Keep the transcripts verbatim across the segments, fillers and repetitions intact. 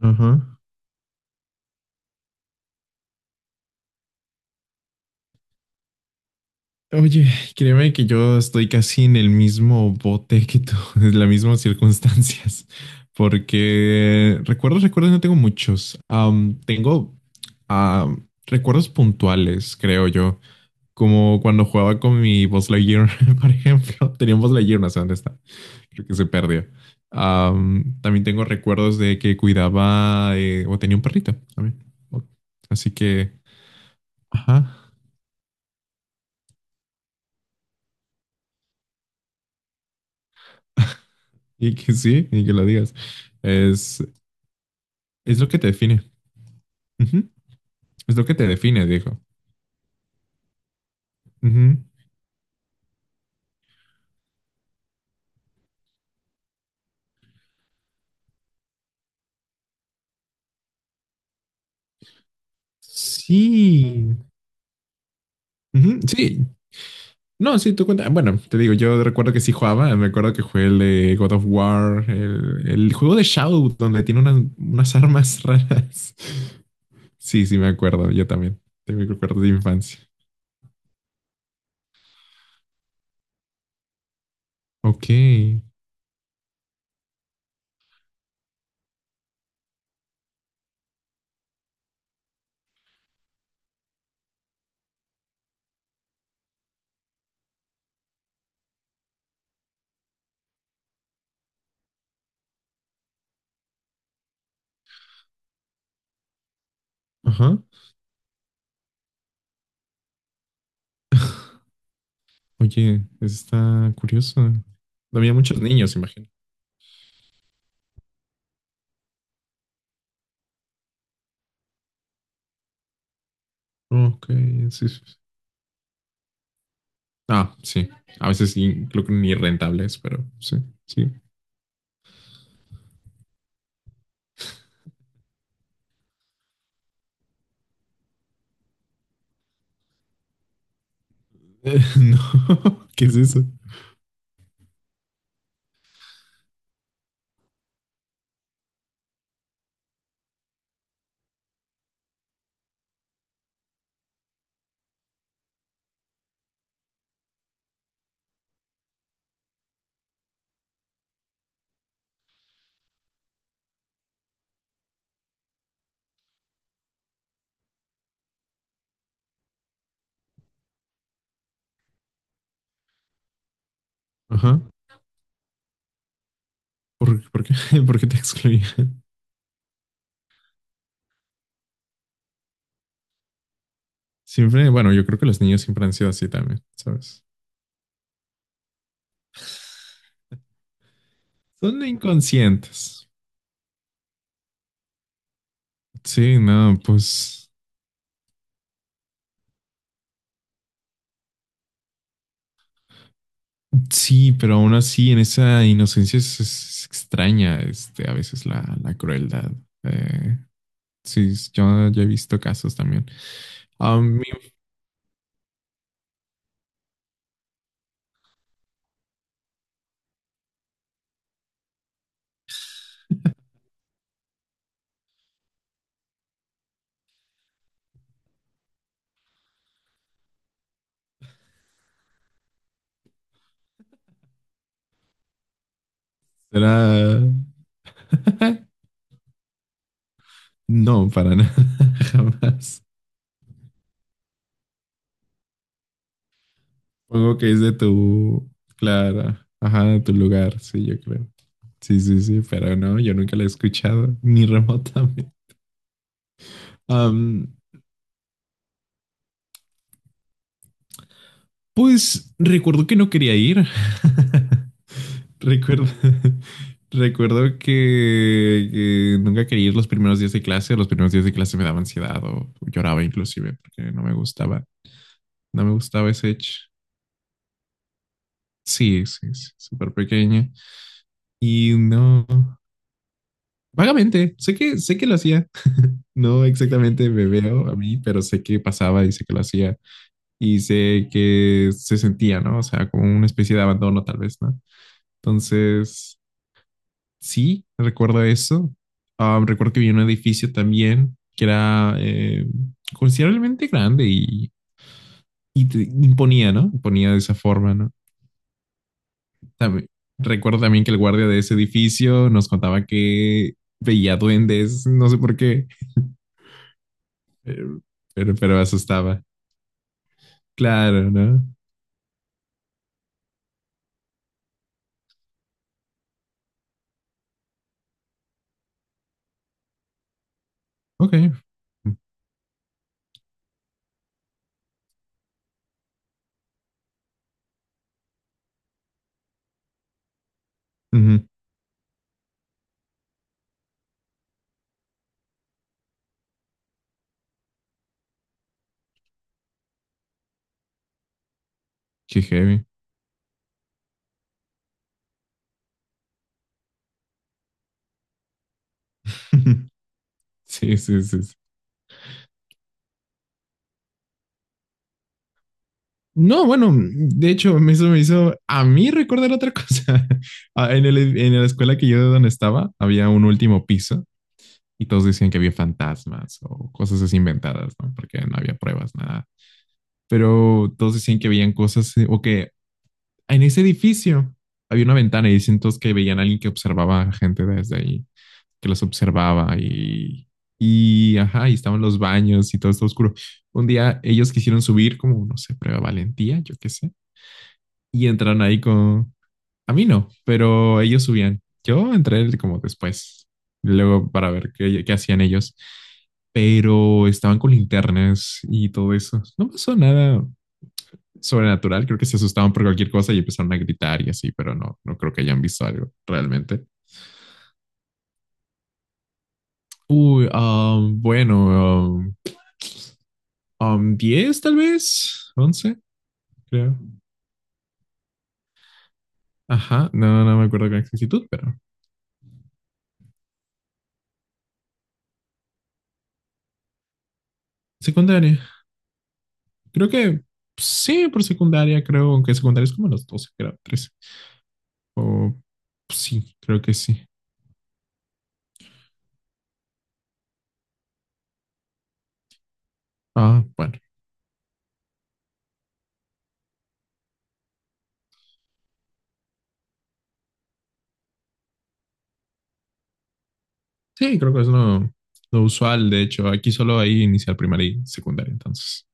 Ajá. Oye, créeme que yo estoy casi en el mismo bote que tú, en las mismas circunstancias, porque recuerdos, recuerdos no tengo muchos. Am, tengo am, recuerdos puntuales, creo yo, como cuando jugaba con mi Buzz Lightyear, por ejemplo. Tenía un Buzz Lightyear, no sé dónde está, creo que se perdió. Am, también tengo recuerdos de que cuidaba eh, o tenía un perrito también. Ok. Así que, ajá. Y que sí, y que lo digas. Es, es lo que te define. Ujú. Es lo que te define, viejo. Ujú. Sí. Ujú, sí. No, sí, tú cuenta. Bueno, te digo, yo recuerdo que sí jugaba. Me acuerdo que jugué el de God of War, el, el juego de Shadow, donde tiene unas, unas armas raras. Sí, sí, me acuerdo. Yo también. Tengo recuerdos de infancia. Ok. Ajá. Oye, está curioso. Había muchos niños, imagino. Ok, sí. Ah, sí. A veces sí, creo que ni rentables, pero sí, sí. Eh, no, ¿qué es eso? Ajá. ¿Por, por qué, por qué te excluían? Siempre, bueno, yo creo que los niños siempre han sido así también, ¿sabes? Son inconscientes. Sí, no, pues sí, pero aún así en esa inocencia es, es extraña, este, a veces la, la crueldad. Eh, sí, yo, yo he visto casos también. A mí me será. No, para nada, jamás. Supongo que es de tu, claro, ajá, de tu lugar, sí, yo creo. Sí, sí, sí, pero no, yo nunca la he escuchado, ni remotamente. Am, pues recuerdo que no quería ir. Recuerdo, recuerdo que, que nunca quería ir los primeros días de clase. Los primeros días de clase me daba ansiedad o lloraba inclusive porque no me gustaba, no me gustaba ese hecho. Sí, sí, sí, súper pequeña. Y no. Vagamente, sé que, sé que lo hacía. No exactamente me veo a mí, pero sé que pasaba y sé que lo hacía. Y sé que se sentía, ¿no? O sea, como una especie de abandono tal vez, ¿no? Entonces, sí, recuerdo eso. Ah, recuerdo que vi un edificio también que era eh, considerablemente grande y, y te imponía, ¿no? Imponía de esa forma, ¿no? También- recuerdo también que el guardia de ese edificio nos contaba que veía duendes, no sé por qué. Eh, Pero, pero asustaba. Claro, ¿no? Ok. Ujú. Qué heavy. Sí, sí, sí. Sí. No, bueno, de hecho, eso me hizo a mí recordar otra cosa. Ah, En el, en la escuela que yo de donde estaba, había un último piso y todos decían que había fantasmas o cosas así inventadas, ¿no? Porque no había pruebas, nada. Pero todos decían que habían cosas eh, o que en ese edificio había una ventana y dicen todos que veían a alguien que observaba a gente desde ahí, que los observaba y, y, ajá, y estaban los baños y todo está oscuro. Un día ellos quisieron subir como, no sé, prueba valentía, yo qué sé, y entraron ahí con. A mí no, pero ellos subían. Yo entré como después, luego para ver qué, qué hacían ellos, pero estaban con linternas y todo eso. No pasó nada sobrenatural, creo que se asustaban por cualquier cosa y empezaron a gritar y así, pero no, no creo que hayan visto algo realmente. Uy, um, bueno, um, um, diez tal vez, once creo. Ajá, no, no me acuerdo con exactitud, pero secundaria. Creo que sí, por secundaria, creo, aunque secundaria es como los doce creo, trece o sí, creo que sí. Ah, bueno. Sí, creo que es lo, lo usual, de hecho. Aquí solo hay inicial primaria y secundaria, entonces.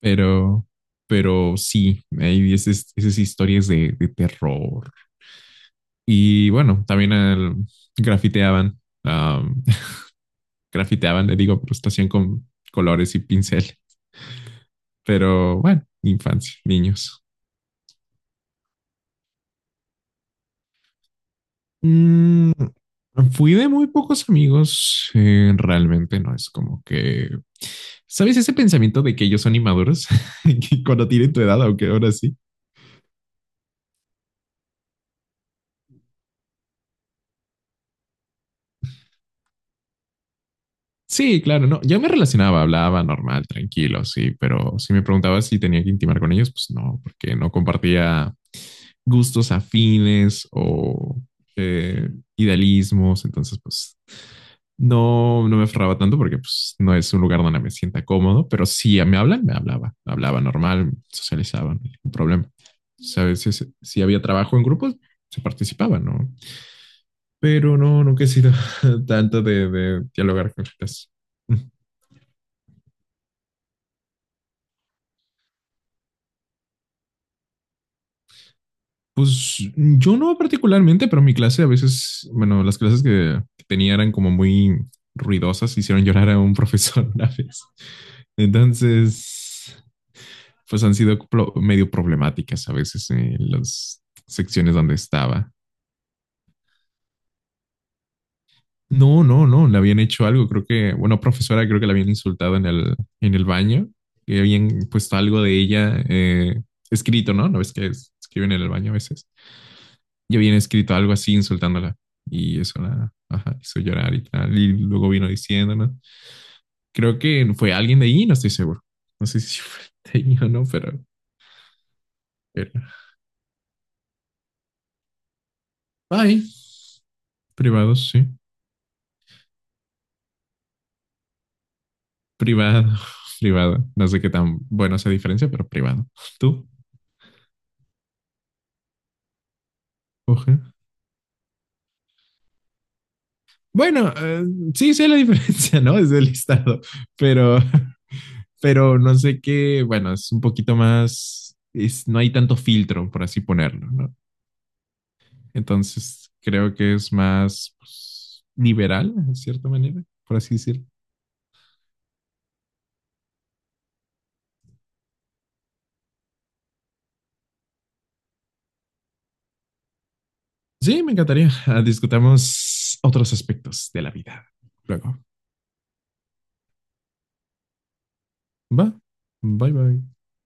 Pero, pero sí, hay esas, esas historias de, de terror. Y bueno, también el- grafiteaban. Ah, grafiteaban, le digo, pues lo hacían con colores y pincel. Pero bueno, infancia, niños. Mm, fui de muy pocos amigos, eh, realmente no es como que, ¿sabes ese pensamiento de que ellos son inmaduros? Que cuando tienen tu edad, aunque ahora sí. Sí, claro, no, yo me relacionaba, hablaba normal, tranquilo, sí, pero si me preguntaba si tenía que intimar con ellos, pues no, porque no compartía gustos afines o eh, idealismos, entonces pues no, no me aferraba tanto porque pues no es un lugar donde me sienta cómodo, pero si me hablan, me hablaba, hablaba normal, socializaba, no hay ningún problema. O sea, a veces si había trabajo en grupos, se participaba, ¿no? Pero no, nunca he sido tanto de, de dialogar con gente. Pues yo no particularmente, pero mi clase a veces, bueno, las clases que, que tenía eran como muy ruidosas, hicieron llorar a un profesor una vez. Entonces, pues han sido pro- medio problemáticas a veces en las secciones donde estaba. No, no, no, le habían hecho algo, creo que, bueno, profesora, creo que la habían insultado en el, en el baño, que habían puesto algo de ella eh, escrito, ¿no? No ves que es- escriben en el baño a veces. Yo había escrito algo así insultándola y eso la, ajá, hizo llorar y tal. Y luego vino diciendo, ¿no? Creo que fue alguien de ahí, no estoy seguro. No sé si fue de ahí o no, pero. pero... Ay, privado, sí. Privado, privado. No sé qué tan bueno esa diferencia, pero privado. Tú, oje. Bueno, eh, sí sé la diferencia, ¿no? Es del listado, pero, pero no sé qué. Bueno, es un poquito más. Es, no hay tanto filtro, por así ponerlo, ¿no? Entonces, creo que es más pues, liberal, en cierta manera, por así decirlo. Sí, me encantaría. Ah, discutamos otros aspectos de la vida. Luego. Va. Bye bye.